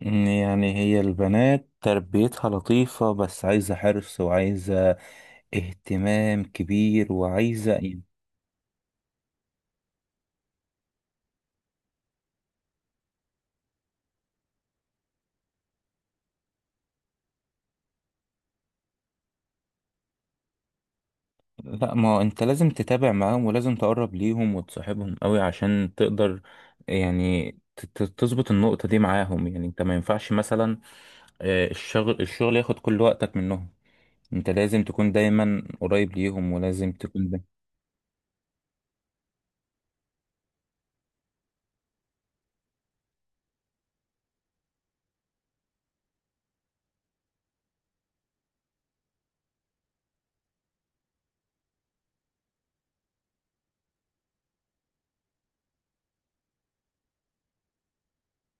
يعني هي البنات تربيتها لطيفة، بس عايزة حرص وعايزة اهتمام كبير وعايزة إيه؟ لا، ما هو انت لازم تتابع معاهم ولازم تقرب ليهم وتصاحبهم قوي عشان تقدر يعني تظبط النقطة دي معاهم. يعني انت ما ينفعش مثلا الشغل ياخد كل وقتك منهم. انت لازم تكون دايما قريب ليهم ولازم تكون.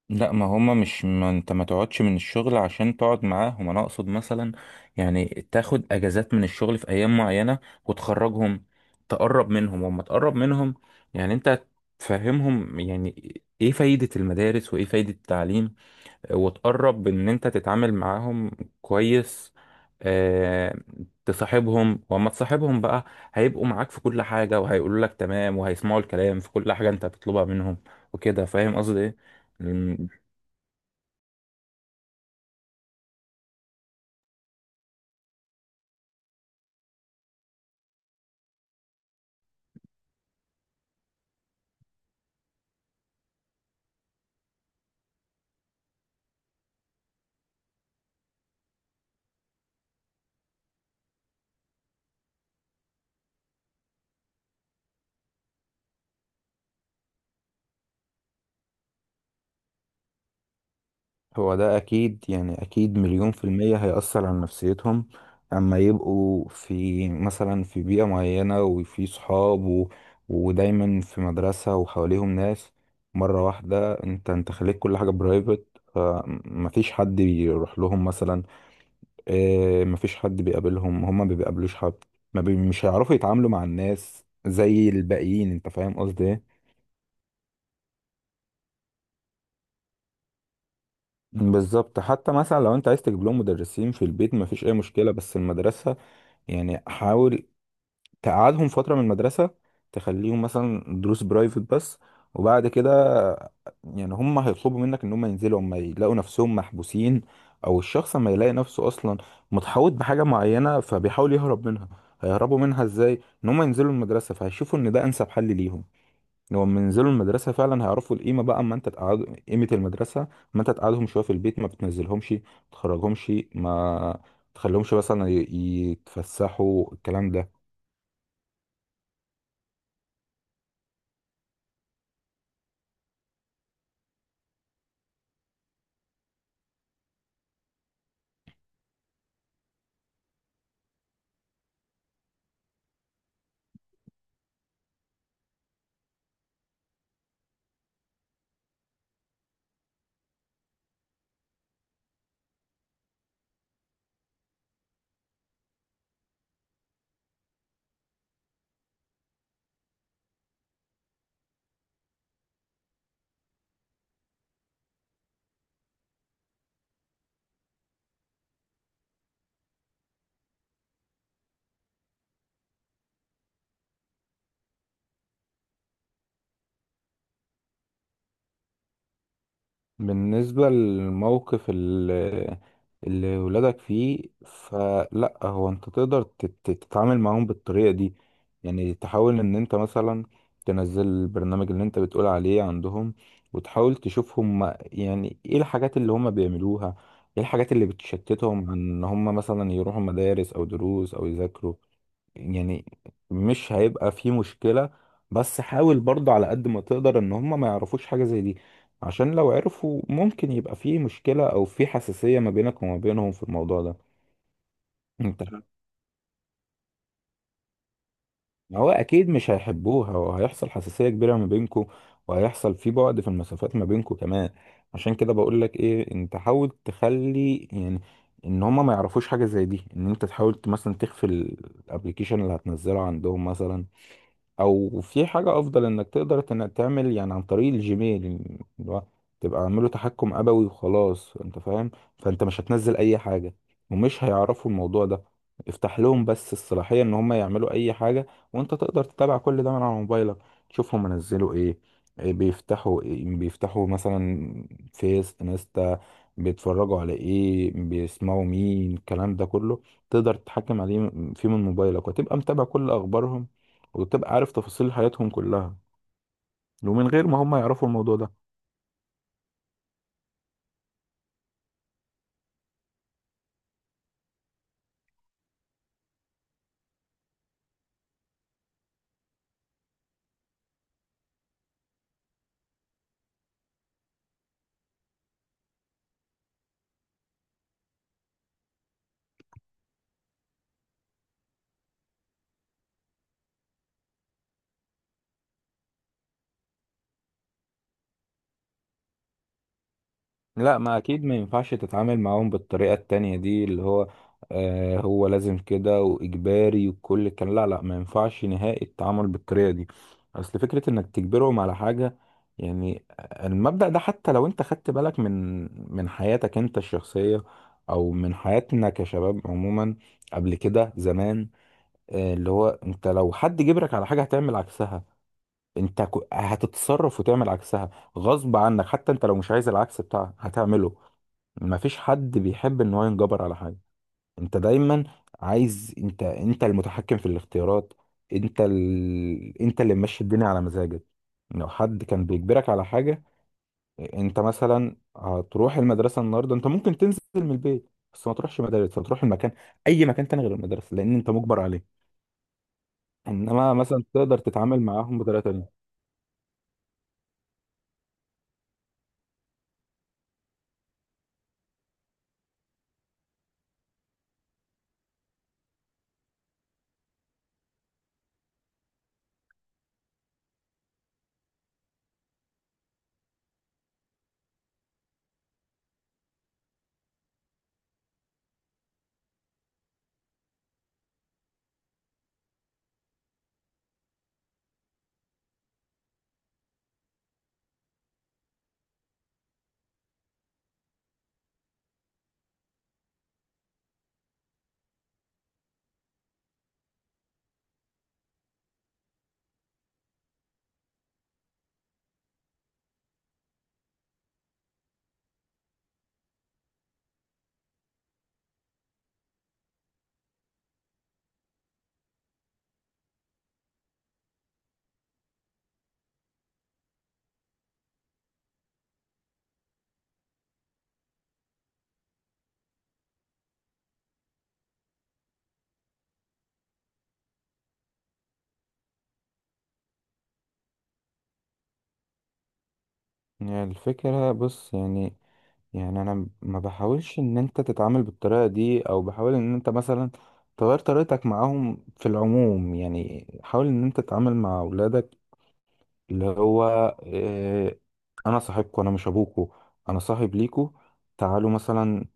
لا، ما هما مش ما انت ما تقعدش من الشغل عشان تقعد معاهم، انا اقصد مثلا يعني تاخد اجازات من الشغل في ايام معينة وتخرجهم، تقرب منهم وما تقرب منهم. يعني انت تفهمهم يعني ايه فايدة المدارس وايه فايدة التعليم، وتقرب ان انت تتعامل معاهم كويس. اه تصاحبهم وما تصاحبهم بقى هيبقوا معاك في كل حاجة، وهيقولوا لك تمام، وهيسمعوا الكلام في كل حاجة انت بتطلبها منهم، وكده. فاهم قصدي ايه؟ هو ده أكيد، يعني أكيد مليون في المية هيأثر على نفسيتهم. أما يبقوا في مثلا في بيئة معينة وفي صحاب ودايما في مدرسة وحواليهم ناس، مرة واحدة أنت خليت كل حاجة برايفت، فمفيش حد بيروح لهم مثلا، مفيش حد بيقابلهم، هما ما بيقابلوش حد. ما بي... مش هيعرفوا يتعاملوا مع الناس زي الباقيين. أنت فاهم قصدي إيه؟ بالظبط. حتى مثلا لو أنت عايز تجيب لهم مدرسين في البيت مفيش أي مشكلة، بس المدرسة يعني حاول تقعدهم فترة من المدرسة، تخليهم مثلا دروس برايفت بس، وبعد كده يعني هم هيطلبوا منك ان هم ينزلوا، اما يلاقوا نفسهم محبوسين، او الشخص اما يلاقي نفسه اصلا متحوط بحاجة معينة فبيحاول يهرب منها. هيهربوا منها ازاي؟ ان هم ينزلوا المدرسة، فهيشوفوا ان ده انسب حل ليهم. لو لما ينزلوا المدرسة فعلا هيعرفوا القيمة بقى. اما انت تقعد قيمة المدرسة، اما انت تقعدهم شوية في البيت ما بتنزلهمش، ما تخرجهمش، ما تخليهمش مثلا يتفسحوا، الكلام ده. بالنسبة للموقف اللي ولادك فيه، فلا، هو انت تقدر تتعامل معاهم بالطريقة دي. يعني تحاول ان انت مثلا تنزل البرنامج اللي انت بتقول عليه عندهم، وتحاول تشوف هم يعني ايه الحاجات اللي هم بيعملوها، ايه الحاجات اللي بتشتتهم عن ان هم مثلا يروحوا مدارس او دروس او يذاكروا. يعني مش هيبقى في مشكلة، بس حاول برضه على قد ما تقدر ان هم ما يعرفوش حاجة زي دي، عشان لو عرفوا ممكن يبقى في مشكلة او في حساسية ما بينك وما بينهم في الموضوع ده. انت هو اكيد مش هيحبوها، وهيحصل حساسية كبيرة ما بينكوا، وهيحصل في بعد في المسافات ما بينكوا كمان. عشان كده بقول لك ايه، انت حاول تخلي يعني ان هما ما يعرفوش حاجة زي دي، ان انت تحاول مثلا تخفي الابليكيشن اللي هتنزله عندهم مثلا، او في حاجه افضل انك تقدر انك تعمل يعني عن طريق الجيميل، اللي هو تبقى عامله تحكم ابوي وخلاص. انت فاهم؟ فانت مش هتنزل اي حاجه ومش هيعرفوا الموضوع ده. افتح لهم بس الصلاحيه ان هم يعملوا اي حاجه، وانت تقدر تتابع كل ده من على موبايلك. تشوفهم منزلوا ايه، إيه بيفتحوا، إيه بيفتحوا مثلا، فيس، انستا، بيتفرجوا على ايه، بيسمعوا مين، الكلام ده كله تقدر تتحكم عليه فيه من موبايلك، وتبقى متابع كل اخبارهم، وتبقى عارف تفاصيل حياتهم كلها، ومن غير ما هم يعرفوا الموضوع ده. لا، ما اكيد ما ينفعش تتعامل معاهم بالطريقة التانية دي، اللي هو آه هو لازم كده واجباري وكل الكلام. لا لا، ما ينفعش نهائي التعامل بالطريقة دي. اصل فكرة انك تجبرهم على حاجة، يعني المبدأ ده، حتى لو انت خدت بالك من حياتك انت الشخصية او من حياتنا كشباب عموما قبل كده زمان، اللي هو انت لو حد جبرك على حاجة هتعمل عكسها. انت هتتصرف وتعمل عكسها غصب عنك، حتى انت لو مش عايز العكس بتاعها هتعمله. مفيش حد بيحب ان هو ينجبر على حاجة. انت دايما عايز، انت المتحكم في الاختيارات، انت انت اللي ماشي الدنيا على مزاجك. لو حد كان بيجبرك على حاجة، انت مثلا هتروح المدرسة النهاردة، انت ممكن تنزل من البيت بس ما تروحش مدارس، هتروح المكان، اي مكان تاني غير المدرسة، لان انت مجبر عليه. انما مثلا تقدر تتعامل معاهم بطريقة تانية. يعني الفكرة بص يعني، يعني انا ما بحاولش ان انت تتعامل بالطريقة دي، او بحاول ان انت مثلا تغير طريقتك معاهم في العموم. يعني حاول ان انت تتعامل مع اولادك اللي هو آه، انا صاحبكم، انا مش ابوكم، انا صاحب ليكم. تعالوا مثلا،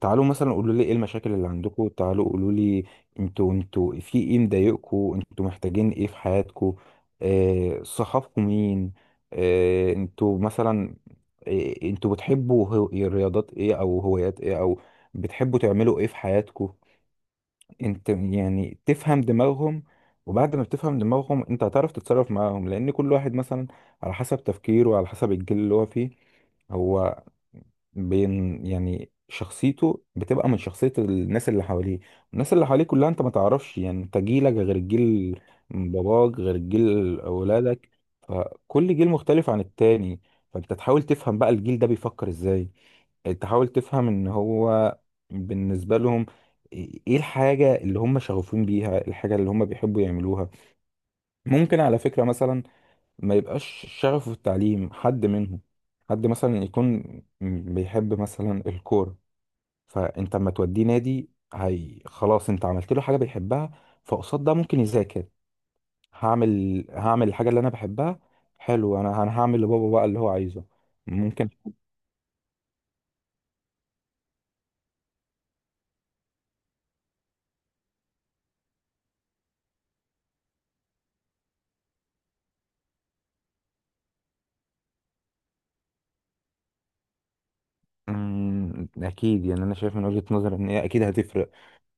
قولوا لي ايه المشاكل اللي عندكم، تعالوا قولوا لي انتوا، في ايه مضايقكم، انتوا محتاجين ايه في حياتكم، آه صحابكم مين، انتوا مثلا، انتوا بتحبوا رياضات ايه او هوايات ايه، او بتحبوا تعملوا ايه في حياتكم. انت يعني تفهم دماغهم، وبعد ما بتفهم دماغهم انت هتعرف تتصرف معاهم، لان كل واحد مثلا على حسب تفكيره وعلى حسب الجيل اللي هو فيه، هو بين يعني شخصيته بتبقى من شخصية الناس اللي حواليه، الناس اللي حواليه كلها. انت ما تعرفش، يعني انت جيلك غير جيل باباك غير جيل اولادك، فكل جيل مختلف عن التاني. فانت تحاول تفهم بقى الجيل ده بيفكر ازاي، تحاول تفهم ان هو بالنسبة لهم ايه الحاجة اللي هم شغوفين بيها، الحاجة اللي هم بيحبوا يعملوها. ممكن على فكرة مثلا ما يبقاش شغفه في التعليم حد منهم، حد مثلا يكون بيحب مثلا الكورة، فانت اما توديه نادي، هي خلاص انت عملت له حاجة بيحبها، فقصاد ده ممكن يذاكر. هعمل الحاجة اللي انا بحبها، حلو، انا هعمل لبابا بقى اللي هو عايزه. ممكن. اكيد يعني انا شايف من وجهة نظري ان هي اكيد هتفرق.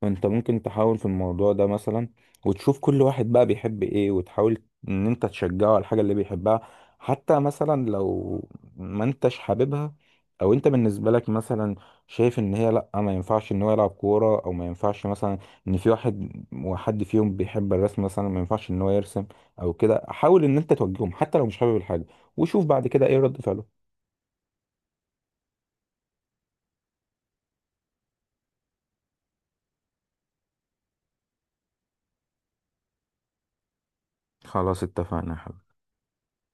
انت ممكن تحاول في الموضوع ده مثلا، وتشوف كل واحد بقى بيحب ايه، وتحاول ان انت تشجعه على الحاجة اللي بيحبها. حتى مثلا لو ما انتش حاببها، او انت بالنسبة لك مثلا شايف ان هي لا ما ينفعش ان هو يلعب كورة، او ما ينفعش مثلا ان في واحد وحد فيهم بيحب الرسم مثلا ما ينفعش ان هو يرسم او كده، حاول ان انت توجههم حتى لو مش حابب الحاجة، وشوف بعد كده ايه رد فعله. خلاص، اتفقنا يا حبيبي.